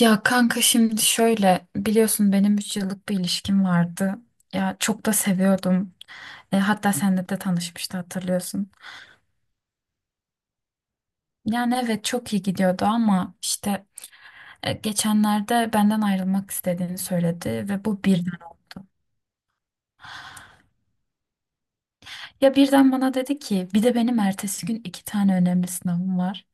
Ya kanka, şimdi şöyle, biliyorsun benim 3 yıllık bir ilişkim vardı. Ya çok da seviyordum. Hatta seninle de tanışmıştı, hatırlıyorsun. Yani evet, çok iyi gidiyordu ama işte geçenlerde benden ayrılmak istediğini söyledi ve bu birden oldu. Ya birden bana dedi ki, bir de benim ertesi gün iki tane önemli sınavım var.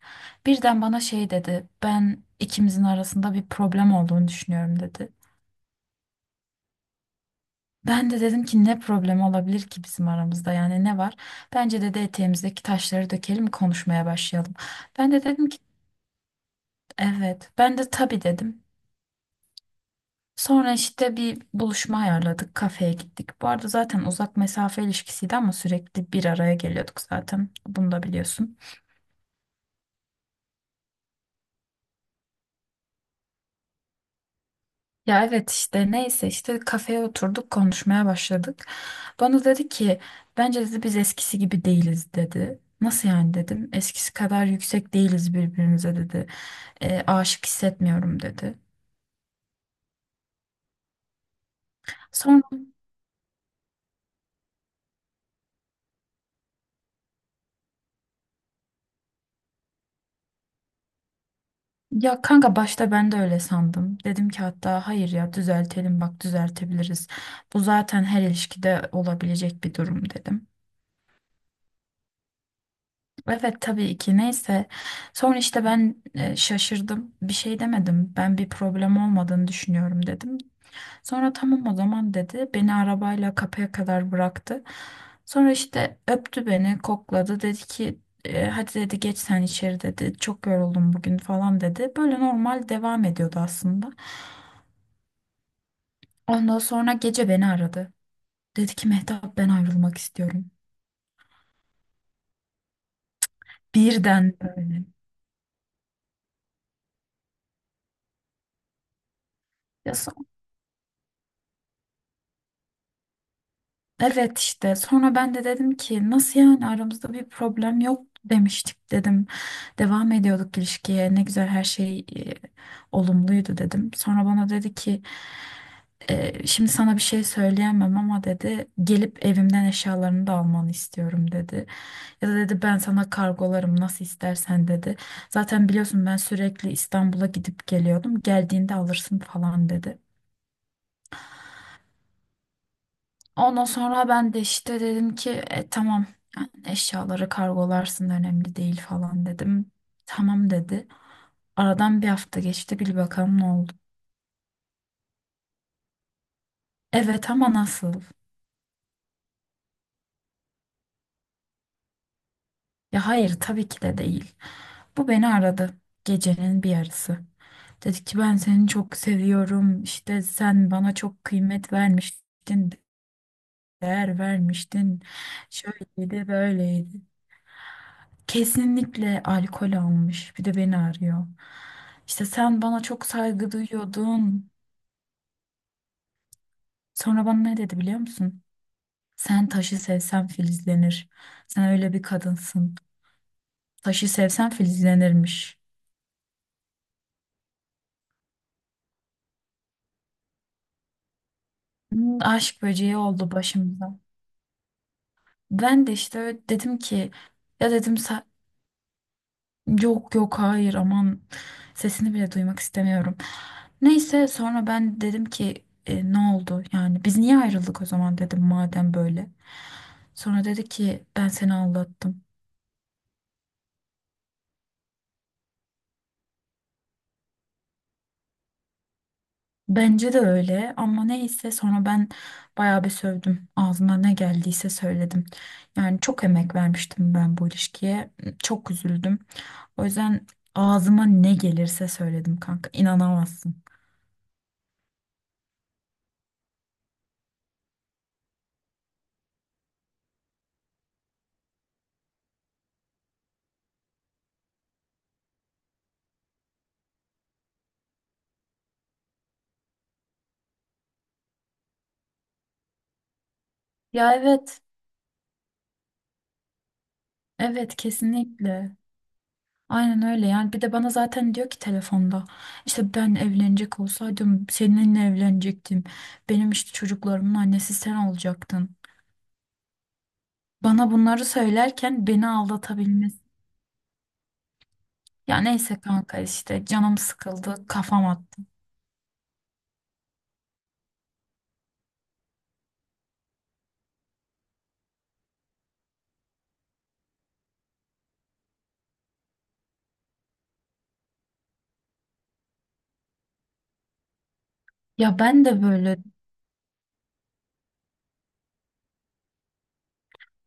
Birden bana şey dedi, ben ikimizin arasında bir problem olduğunu düşünüyorum dedi. Ben de dedim ki ne problem olabilir ki bizim aramızda, yani ne var? Bence dedi, eteğimizdeki taşları dökelim, konuşmaya başlayalım. Ben de dedim ki evet, ben de tabii dedim. Sonra işte bir buluşma ayarladık, kafeye gittik. Bu arada zaten uzak mesafe ilişkisiydi ama sürekli bir araya geliyorduk, zaten bunu da biliyorsun. Ya evet, işte neyse, işte kafeye oturduk, konuşmaya başladık. Bana dedi ki bence dedi biz eskisi gibi değiliz dedi. Nasıl yani dedim, eskisi kadar yüksek değiliz birbirimize dedi. Aşık hissetmiyorum dedi. Sonra ya kanka, başta ben de öyle sandım. Dedim ki hatta hayır ya, düzeltelim bak, düzeltebiliriz. Bu zaten her ilişkide olabilecek bir durum dedim. Evet, tabii ki, neyse. Sonra işte ben şaşırdım. Bir şey demedim. Ben bir problem olmadığını düşünüyorum dedim. Sonra tamam o zaman dedi. Beni arabayla kapıya kadar bıraktı. Sonra işte öptü beni, kokladı. Dedi ki hadi dedi, geç sen içeri dedi. Çok yoruldum bugün falan dedi. Böyle normal devam ediyordu aslında. Ondan sonra gece beni aradı. Dedi ki Mehtap ben ayrılmak istiyorum. Birden böyle. Ya evet, işte sonra ben de dedim ki nasıl yani, aramızda bir problem yok demiştik dedim. Devam ediyorduk ilişkiye, ne güzel, her şey olumluydu dedim. Sonra bana dedi ki şimdi sana bir şey söyleyemem ama dedi, gelip evimden eşyalarını da almanı istiyorum dedi. Ya da dedi, ben sana kargolarım, nasıl istersen dedi. Zaten biliyorsun, ben sürekli İstanbul'a gidip geliyordum, geldiğinde alırsın falan dedi. Ondan sonra ben de işte dedim ki tamam, yani eşyaları kargolarsın, önemli değil falan dedim. Tamam dedi. Aradan bir hafta geçti, bil bakalım ne oldu. Evet, ama nasıl? Ya hayır, tabii ki de değil. Bu beni aradı gecenin bir yarısı. Dedi ki ben seni çok seviyorum işte, sen bana çok kıymet vermiştin, değer vermiştin, şöyleydi böyleydi. Kesinlikle alkol almış. Bir de beni arıyor. İşte sen bana çok saygı duyuyordun. Sonra bana ne dedi biliyor musun? Sen taşı sevsen filizlenir. Sen öyle bir kadınsın. Taşı sevsen filizlenirmiş. Hmm, aşk böceği oldu başımda. Ben de işte öyle dedim ki ya dedim "sa- yok yok, hayır aman, sesini bile duymak istemiyorum. Neyse sonra ben dedim ki ne oldu yani, biz niye ayrıldık o zaman dedim, madem böyle. Sonra dedi ki ben seni aldattım. Bence de öyle, ama neyse sonra ben bayağı bir sövdüm. Ağzıma ne geldiyse söyledim. Yani çok emek vermiştim ben bu ilişkiye. Çok üzüldüm. O yüzden ağzıma ne gelirse söyledim kanka. İnanamazsın. Ya evet. Evet, kesinlikle. Aynen öyle, yani bir de bana zaten diyor ki telefonda işte ben evlenecek olsaydım seninle evlenecektim. Benim işte çocuklarımın annesi sen olacaktın. Bana bunları söylerken beni aldatabilmesi. Ya neyse kanka, işte canım sıkıldı, kafam attı. Ya ben de böyle,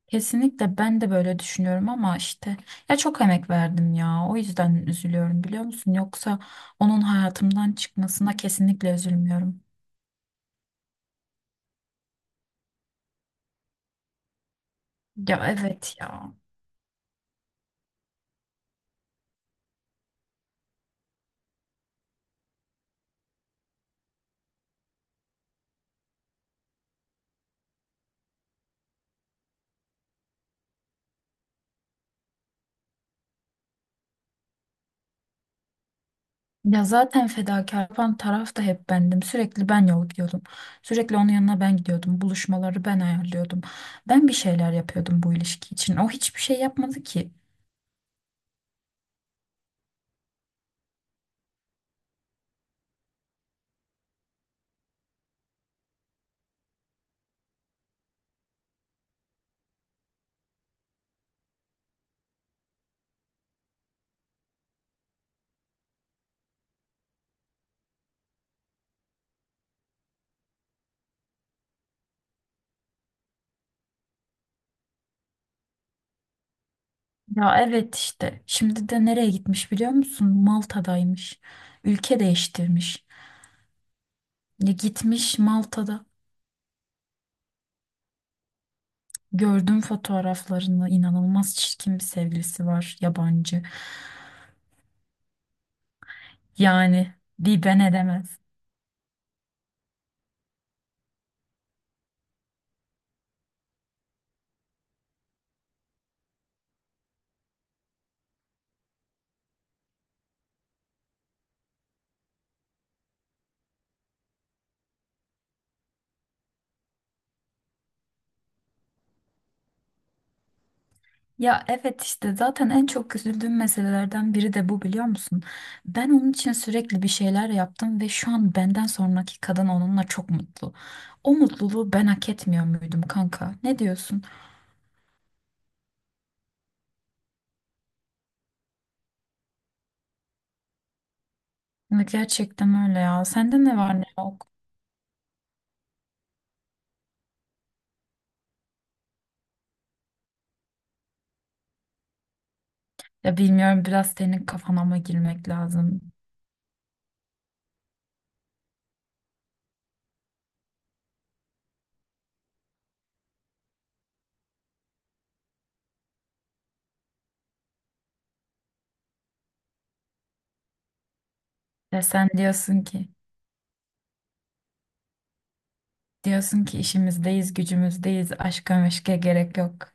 kesinlikle ben de böyle düşünüyorum ama işte ya çok emek verdim ya, o yüzden üzülüyorum, biliyor musun? Yoksa onun hayatımdan çıkmasına kesinlikle üzülmüyorum. Ya evet ya. Ya zaten fedakar yapan taraf da hep bendim. Sürekli ben yol gidiyordum. Sürekli onun yanına ben gidiyordum. Buluşmaları ben ayarlıyordum. Ben bir şeyler yapıyordum bu ilişki için. O hiçbir şey yapmadı ki. Ya evet işte. Şimdi de nereye gitmiş biliyor musun? Malta'daymış. Ülke değiştirmiş. Ya gitmiş Malta'da. Gördüm fotoğraflarını. İnanılmaz çirkin bir sevgilisi var. Yabancı. Yani bir ben edemez. Ya evet işte, zaten en çok üzüldüğüm meselelerden biri de bu, biliyor musun? Ben onun için sürekli bir şeyler yaptım ve şu an benden sonraki kadın onunla çok mutlu. O mutluluğu ben hak etmiyor muydum kanka? Ne diyorsun? Ya gerçekten öyle ya. Sende ne var ne yok? Ya bilmiyorum, biraz senin kafana mı girmek lazım? Ya sen diyorsun ki işimizdeyiz, gücümüzdeyiz, aşka meşke gerek yok.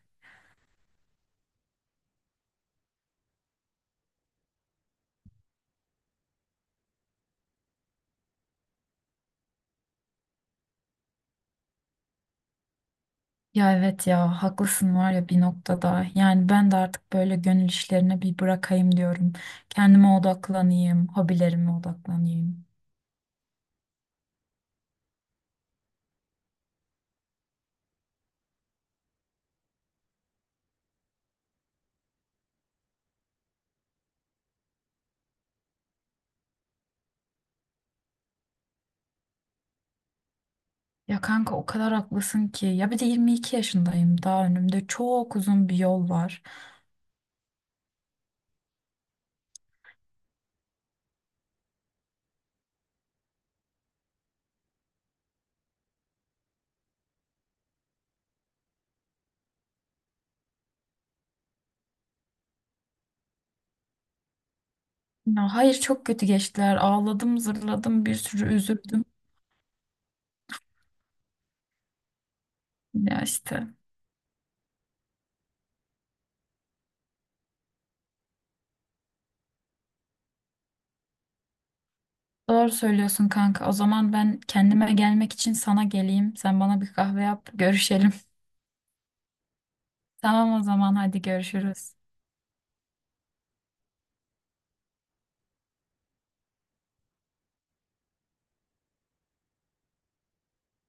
Ya evet ya, haklısın var ya bir noktada. Yani ben de artık böyle gönül işlerine bir bırakayım diyorum. Kendime odaklanayım, hobilerime odaklanayım. Ya kanka o kadar haklısın ki. Ya bir de 22 yaşındayım. Daha önümde çok uzun bir yol var. Ya hayır, çok kötü geçtiler. Ağladım, zırladım, bir sürü üzüldüm. Ya işte. Doğru söylüyorsun kanka. O zaman ben kendime gelmek için sana geleyim. Sen bana bir kahve yap, görüşelim. Tamam o zaman, hadi görüşürüz.